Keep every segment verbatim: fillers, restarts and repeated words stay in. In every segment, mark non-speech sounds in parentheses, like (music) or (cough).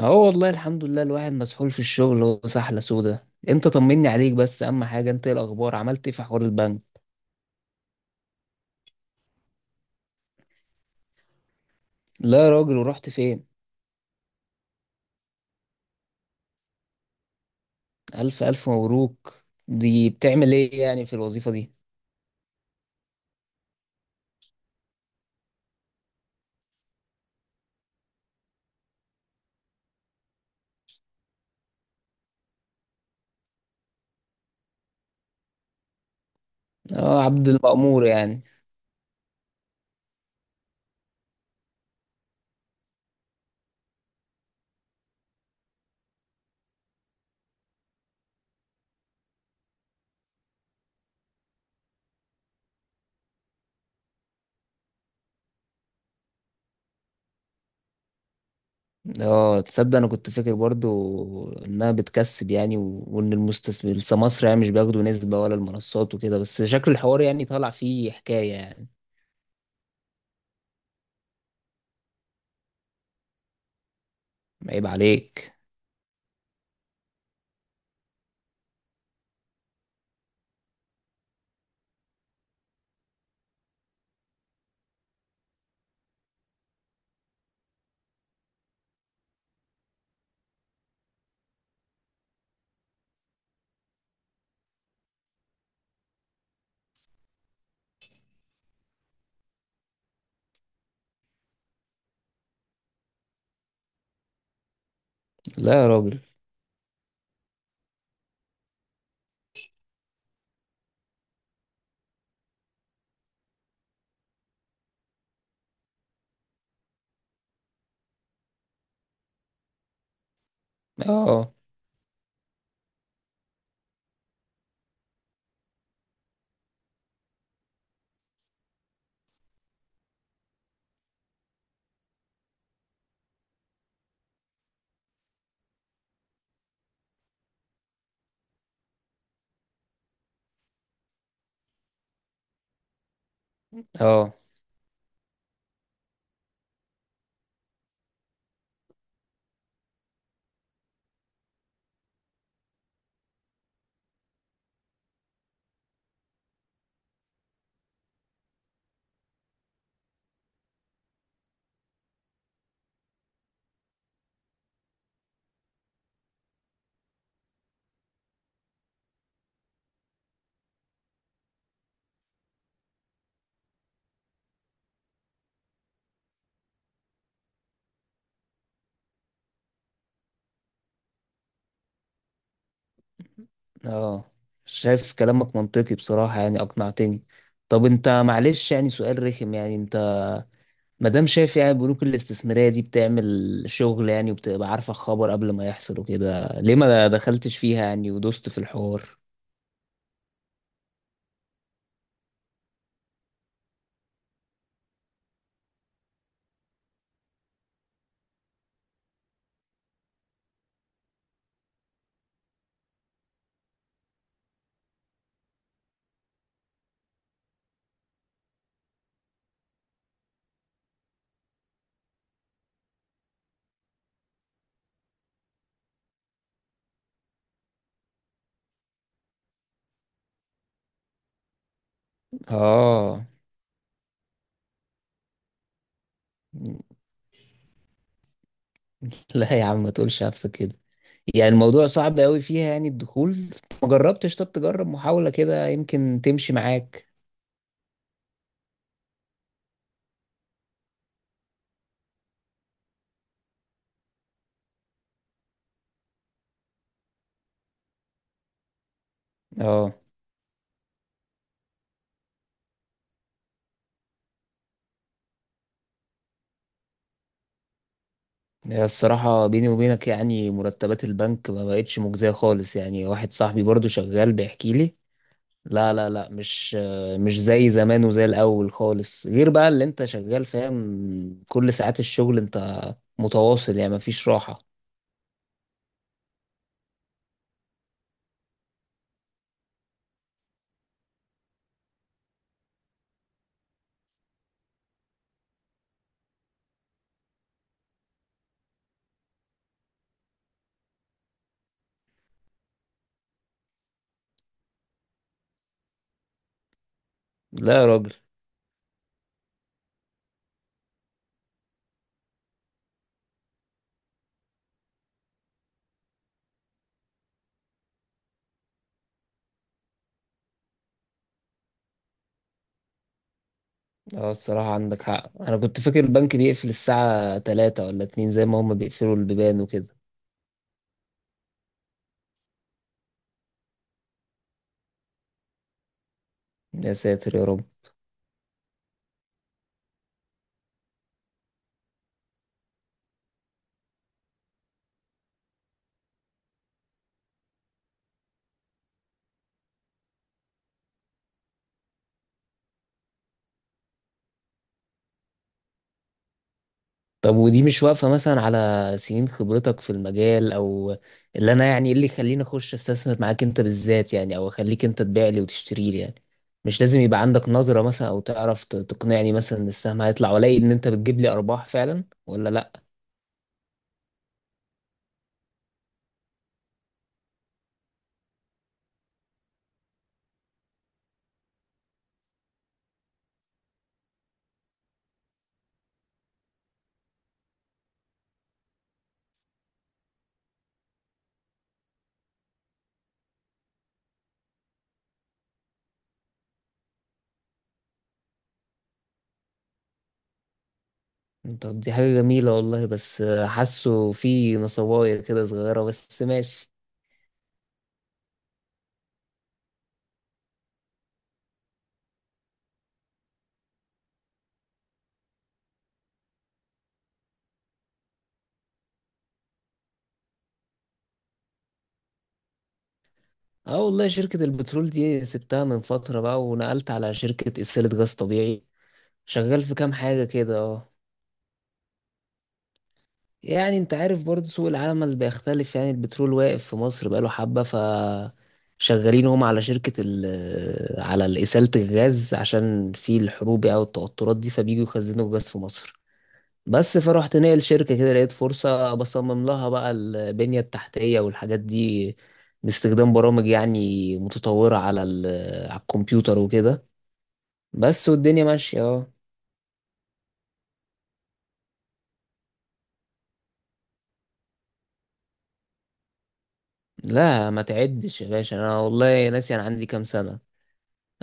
اه، والله الحمد لله. الواحد مسحول في الشغل وسحلة سودة. انت طمني عليك، بس اهم حاجة، انت ايه الاخبار؟ عملت ايه في حوار البنك؟ لا يا راجل، ورحت فين؟ الف الف مبروك. دي بتعمل ايه يعني في الوظيفة دي؟ اه، عبد المأمور يعني. اه، تصدق انا كنت فاكر برضو انها بتكسب يعني، و- وان المستثمر سمسرة يعني مش بياخدوا نسبة ولا المنصات وكده، بس شكل الحوار يعني طالع فيه حكاية يعني. عيب عليك. لا يا راجل. اه. اه. اه. شايف كلامك منطقي بصراحة، يعني أقنعتني. طب أنت معلش يعني سؤال رخم، يعني أنت مادام شايف يعني البنوك الاستثمارية دي بتعمل شغل يعني وبتبقى عارفة الخبر قبل ما يحصل وكده، ليه ما دخلتش فيها يعني ودوست في الحوار؟ آه. (laughs) لا يا عم، ما تقولش نفسك كده. يعني الموضوع صعب قوي فيها يعني الدخول؟ ما جربتش؟ طب تجرب محاولة كده، يمكن تمشي معاك. اه. هي الصراحة بيني وبينك، يعني مرتبات البنك ما بقتش مجزية خالص. يعني واحد صاحبي برضو شغال بيحكي لي. لا، لا، لا، مش مش زي زمان وزي الأول خالص. غير بقى اللي انت شغال فاهم، كل ساعات الشغل انت متواصل، يعني مفيش راحة. لا يا راجل. اه الصراحة عندك حق، أنا كنت فاكر البنك بيقفل الساعة تلاتة ولا اتنين، زي ما هما بيقفلوا البيبان وكده. يا ساتر يا رب. طب ودي مش واقفة مثلا على سنين خبرتك في المجال؟ او اللي انا يعني، إيه اللي يخليني اخش استثمر معاك انت بالذات يعني، او اخليك انت تبيع لي وتشتري لي يعني؟ مش لازم يبقى عندك نظرة مثلا، او تعرف ت- تقنعني مثلا ان السهم هيطلع، والاقي ان انت بتجيب لي ارباح فعلا ولا لا؟ طب دي حاجة جميلة والله، بس حاسه في نصوايا كده صغيرة، بس ماشي. اه والله شركة البترول دي سبتها من فترة بقى، ونقلت على شركة إسالة غاز طبيعي. شغال في كام حاجة كده اه. يعني انت عارف برضه سوق العمل بيختلف، يعني البترول واقف في مصر بقاله حبة، ف شغالين هم على شركة ال آه، على إسالة الغاز، عشان في الحروب أو التوترات دي فبييجوا يخزنوا غاز في مصر. بس فروحت ناقل شركة كده، لقيت فرصة بصمم لها بقى البنية التحتية والحاجات دي، باستخدام برامج يعني متطورة على ال آه، على الكمبيوتر وكده. بس والدنيا ماشية اه. لا ما تعدش يا باشا، أنا والله ناسي أنا عندي كام سنة.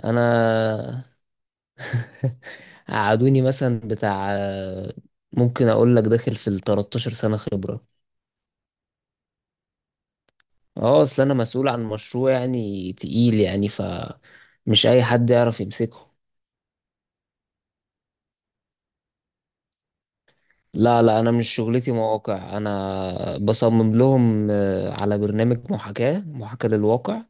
انا (laughs) قعدوني مثلا بتاع آه، ممكن اقول لك داخل في ال تلتاشر سنة خبرة. اه اصل انا مسؤول عن مشروع يعني تقيل، يعني ف مش اي حد يعرف يمسكه. لا لا، انا مش شغلتي مواقع، انا بصمم لهم آه، على برنامج محاكاة محاكاة للواقع.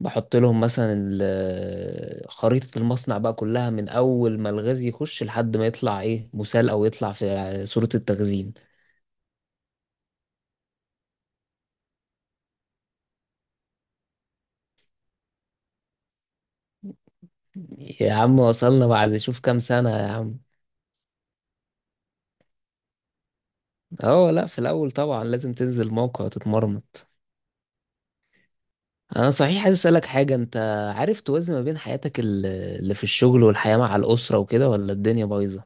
بحط لهم مثلا ال- آه، خريطة المصنع بقى كلها، من اول ما الغاز يخش لحد ما يطلع ايه مسال، او يطلع في صورة التخزين. يا عم وصلنا بعد شوف كام سنة يا عم. اه لا، في الاول طبعا لازم تنزل موقع وتتمرمط. انا صحيح عايز اسالك حاجه، انت عارف توازن ما بين حياتك ال- اللي في الشغل والحياه مع الاسره وكده، ولا الدنيا بايظه؟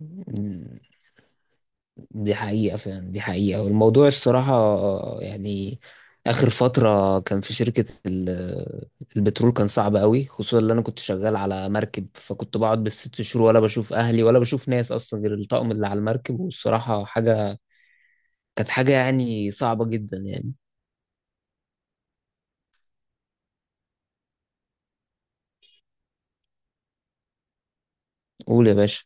مم، دي حقيقه فعلا، دي حقيقه. والموضوع الصراحه يعني اخر فتره كان في شركه ال- البترول كان صعب قوي، خصوصا اللي انا كنت شغال على مركب، فكنت بقعد بالست شهور ولا بشوف اهلي ولا بشوف ناس اصلا، غير الطقم اللي على المركب. والصراحه حاجه كانت حاجه يعني صعبه جدا يعني. قول يا باشا.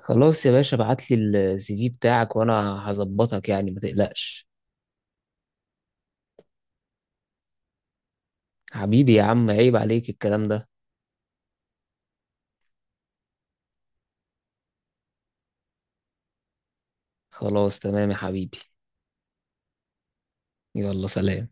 خلاص يا باشا، ابعت لي السي في بتاعك وانا هظبطك، يعني ما تقلقش. حبيبي يا عم، عيب عليك الكلام ده. خلاص تمام يا حبيبي. يلا سلام.